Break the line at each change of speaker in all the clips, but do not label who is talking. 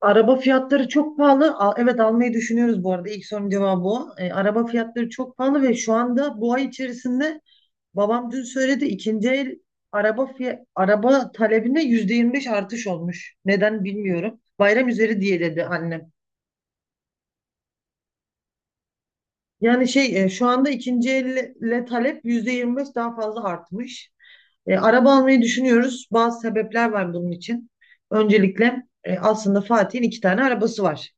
Araba fiyatları çok pahalı. Evet almayı düşünüyoruz bu arada. İlk sorunun cevabı o. E, araba fiyatları çok pahalı ve şu anda bu ay içerisinde babam dün söyledi ikinci el araba talebinde %25 artış olmuş. Neden bilmiyorum. Bayram üzeri diye dedi annem. Yani şu anda ikinci elle talep %25 daha fazla artmış. E, araba almayı düşünüyoruz. Bazı sebepler var bunun için. Öncelikle aslında Fatih'in iki tane arabası var.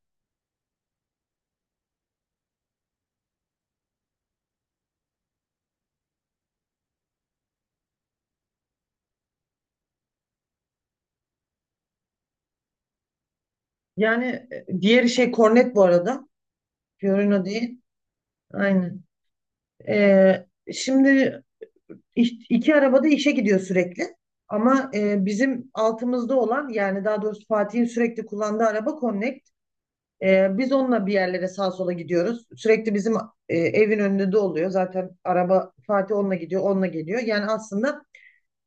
Yani diğeri Cornet bu arada. Fiorino değil. Aynen. Ee, şimdi iki arabada işe gidiyor sürekli. Ama bizim altımızda olan yani daha doğrusu Fatih'in sürekli kullandığı araba Connect. Biz onunla bir yerlere sağa sola gidiyoruz. Sürekli bizim evin önünde de oluyor. Zaten araba Fatih onunla gidiyor, onunla geliyor. Yani aslında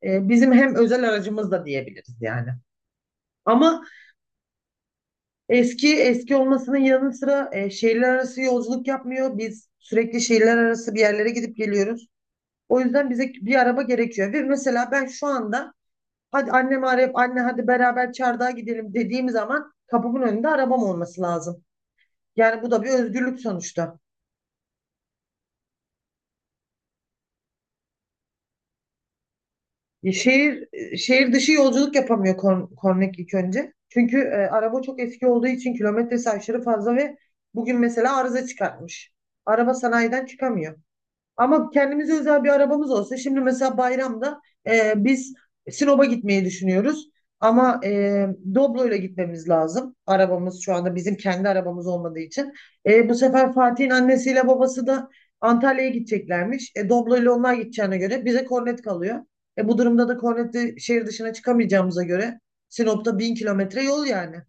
bizim hem özel aracımız da diyebiliriz yani. Ama eski eski olmasının yanı sıra şehirler arası yolculuk yapmıyor. Biz sürekli şehirler arası bir yerlere gidip geliyoruz. O yüzden bize bir araba gerekiyor. Ve mesela ben şu anda hadi annemi arayıp anne hadi beraber çardağa gidelim dediğim zaman kapımın önünde arabam olması lazım. Yani bu da bir özgürlük sonuçta. Şehir dışı yolculuk yapamıyor Kornek ilk önce. Çünkü araba çok eski olduğu için kilometresi aşırı fazla ve bugün mesela arıza çıkartmış. Araba sanayiden çıkamıyor. Ama kendimize özel bir arabamız olsa şimdi mesela bayramda biz Sinop'a gitmeyi düşünüyoruz. Ama Doblo'yla gitmemiz lazım. Arabamız şu anda bizim kendi arabamız olmadığı için. E, bu sefer Fatih'in annesiyle babası da Antalya'ya gideceklermiş. E, Doblo'yla onlar gideceğine göre bize kornet kalıyor. E, bu durumda da kornetli şehir dışına çıkamayacağımıza göre Sinop'ta 1.000 kilometre yol yani.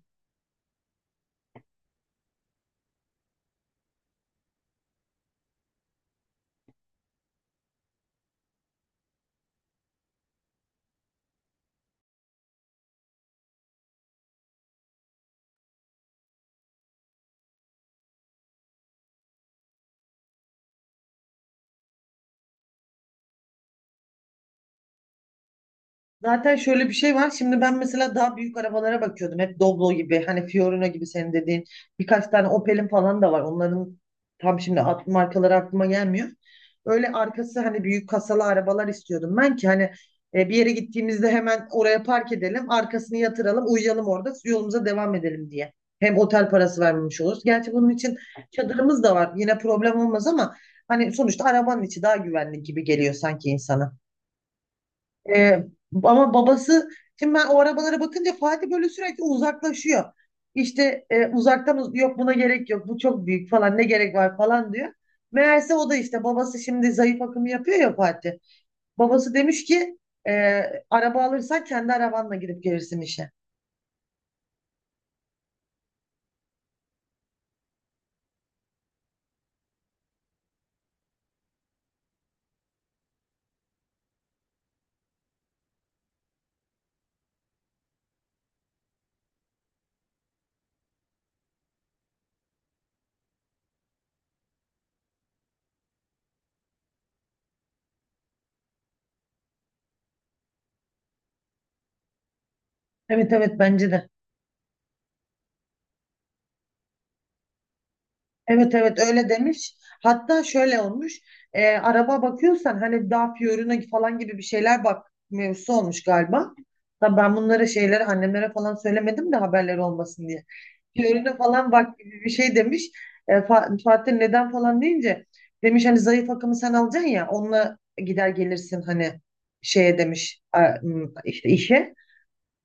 Zaten şöyle bir şey var. Şimdi ben mesela daha büyük arabalara bakıyordum. Hep Doblo gibi, hani Fiorino gibi senin dediğin. Birkaç tane Opel'in falan da var. Onların tam şimdi markaları aklıma gelmiyor. Öyle arkası hani büyük kasalı arabalar istiyordum ben ki hani bir yere gittiğimizde hemen oraya park edelim, arkasını yatıralım, uyuyalım orada, yolumuza devam edelim diye. Hem otel parası vermemiş oluruz. Gerçi bunun için çadırımız da var. Yine problem olmaz ama hani sonuçta arabanın içi daha güvenli gibi geliyor sanki insana. Ee, ama babası şimdi ben o arabalara bakınca Fatih böyle sürekli uzaklaşıyor. İşte, uzaktan yok buna gerek yok, bu çok büyük falan ne gerek var falan diyor. Meğerse o da işte babası şimdi zayıf akımı yapıyor ya Fatih. Babası demiş ki e, araba alırsan kendi arabanla gidip gelirsin işe. Evet evet bence de. Evet evet öyle demiş. Hatta şöyle olmuş. E, araba bakıyorsan hani Dacia Fiorino falan gibi bir şeyler bak mevzusu olmuş galiba. Tabii ben bunlara şeyleri annemlere falan söylemedim de haberleri olmasın diye. Fiorino falan bak gibi bir şey demiş. E, Fatih neden falan deyince demiş hani zayıf akımı sen alacaksın ya onunla gider gelirsin hani şeye demiş işte işe.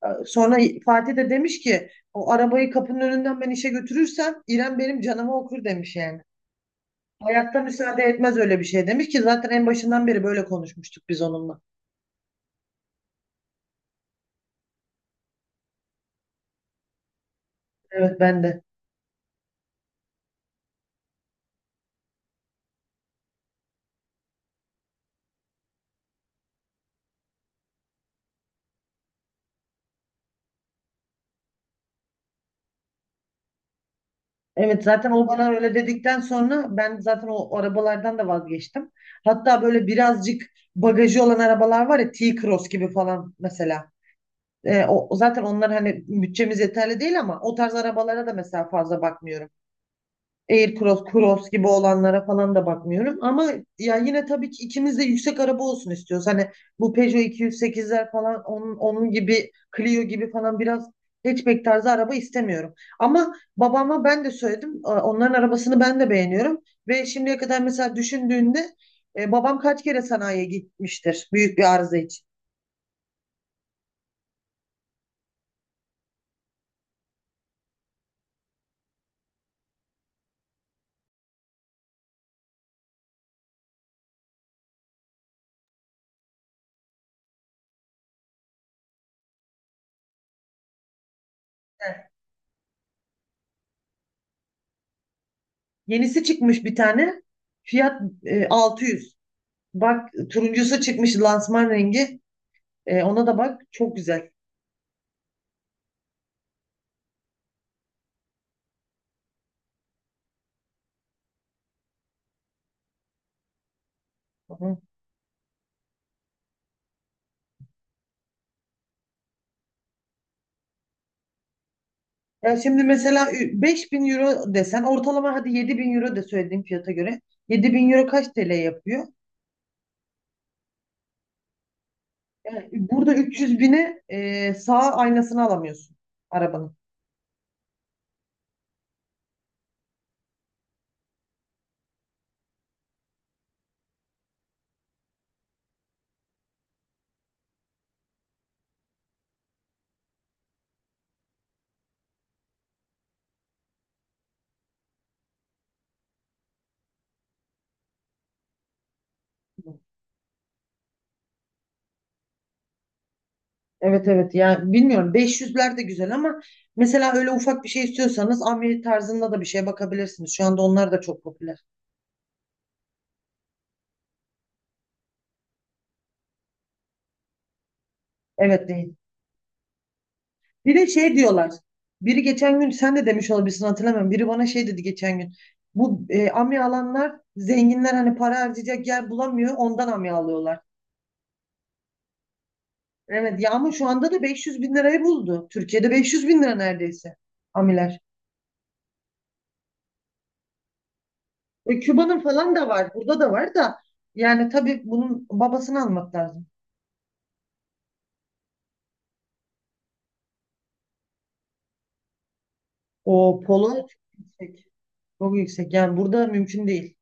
Sonra Fatih de demiş ki o arabayı kapının önünden ben işe götürürsem İrem benim canımı okur demiş yani. Hayatta müsaade etmez öyle bir şey demiş ki zaten en başından beri böyle konuşmuştuk biz onunla. Evet ben de. Evet zaten o bana öyle dedikten sonra ben zaten o arabalardan da vazgeçtim. Hatta böyle birazcık bagajı olan arabalar var ya T-Cross gibi falan mesela. Zaten onlar hani bütçemiz yeterli değil ama o tarz arabalara da mesela fazla bakmıyorum. Aircross, Cross gibi olanlara falan da bakmıyorum. Ama ya yine tabii ki ikimiz de yüksek araba olsun istiyoruz. Hani bu Peugeot 208'ler falan onun, gibi Clio gibi falan biraz hatchback tarzı araba istemiyorum. Ama babama ben de söyledim. Onların arabasını ben de beğeniyorum. Ve şimdiye kadar mesela düşündüğünde babam kaç kere sanayiye gitmiştir büyük bir arıza için. Evet. Yenisi çıkmış bir tane. Fiyat 600. Bak turuncusu çıkmış lansman rengi. E, ona da bak, çok güzel. Hı. Ya şimdi mesela 5.000 euro desen ortalama, hadi 7.000 euro de, söylediğim fiyata göre 7.000 euro kaç TL yapıyor? Yani burada 300 bine sağ aynasını alamıyorsun arabanın. Evet evet, yani bilmiyorum, 500'ler de güzel ama mesela öyle ufak bir şey istiyorsanız amiri tarzında da bir şeye bakabilirsiniz. Şu anda onlar da çok popüler. Evet. Bir de şey diyorlar. Biri geçen gün sen de demiş olabilirsin, hatırlamıyorum. Biri bana şey dedi geçen gün. Bu amya alanlar zenginler, hani para harcayacak yer bulamıyor, ondan amya alıyorlar. Evet ya, ama şu anda da 500 bin lirayı buldu. Türkiye'de 500 bin lira neredeyse amiler. E, Küba'nın falan da var. Burada da var da yani tabii bunun babasını almak lazım. O polo çok yüksek. Çok yüksek. Yani burada mümkün değil.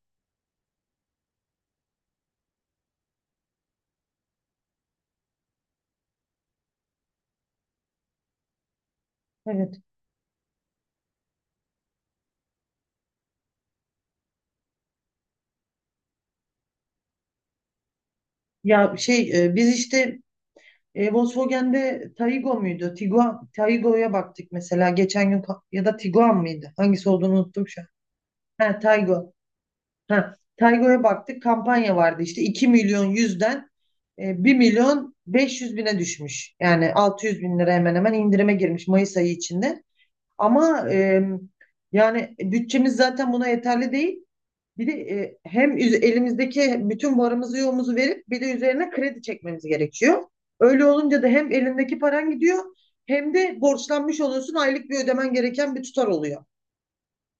Evet. Ya biz işte, Volkswagen'de Taygo muydu? Tiguan, Taygo'ya baktık mesela geçen gün, ya da Tiguan mıydı? Hangisi olduğunu unuttum şu an. Ha, Taygo. Ha, Taygo'ya baktık, kampanya vardı işte 2 milyon yüzden 1 milyon beş yüz bine düşmüş. Yani 600.000 lira hemen hemen indirime girmiş Mayıs ayı içinde. Ama yani bütçemiz zaten buna yeterli değil. Bir de hem elimizdeki bütün varımızı yoğumuzu verip bir de üzerine kredi çekmemiz gerekiyor. Öyle olunca da hem elindeki paran gidiyor, hem de borçlanmış oluyorsun, aylık bir ödemen gereken bir tutar oluyor.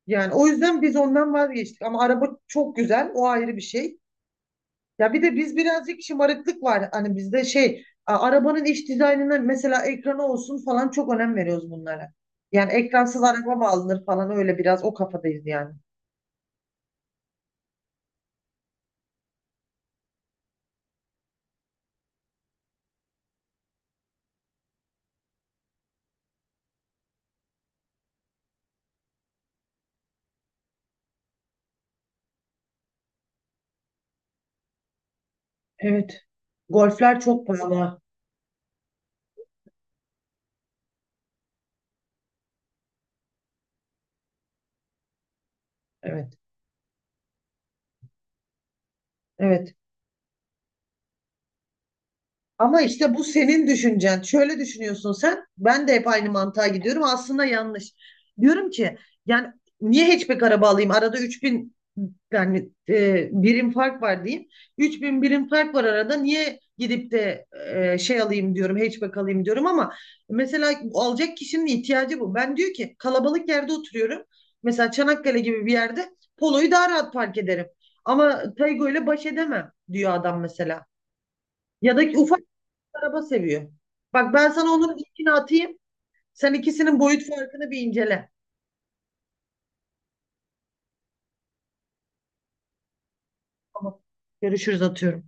Yani o yüzden biz ondan vazgeçtik ama araba çok güzel, o ayrı bir şey. Ya bir de biz birazcık şımarıklık var, hani bizde arabanın iç dizaynına mesela ekranı olsun falan çok önem veriyoruz bunlara. Yani ekransız araba mı alınır falan, öyle biraz o kafadayız yani. Evet. Golfler çok pahalı. Evet. Evet. Ama işte bu senin düşüncen. Şöyle düşünüyorsun sen. Ben de hep aynı mantığa gidiyorum. Aslında yanlış. Diyorum ki yani niye hatchback araba alayım? Arada 3000, yani birim fark var diyeyim. 3000 birim fark var arada. Niye gidip de alayım diyorum, hatchback alayım diyorum, ama mesela alacak kişinin ihtiyacı bu. Ben diyor ki kalabalık yerde oturuyorum. Mesela Çanakkale gibi bir yerde Polo'yu daha rahat park ederim. Ama Taygo ile baş edemem diyor adam mesela. Ya da ufak araba seviyor. Bak, ben sana onların linkini atayım. Sen ikisinin boyut farkını bir incele. Tamam. Görüşürüz, atıyorum.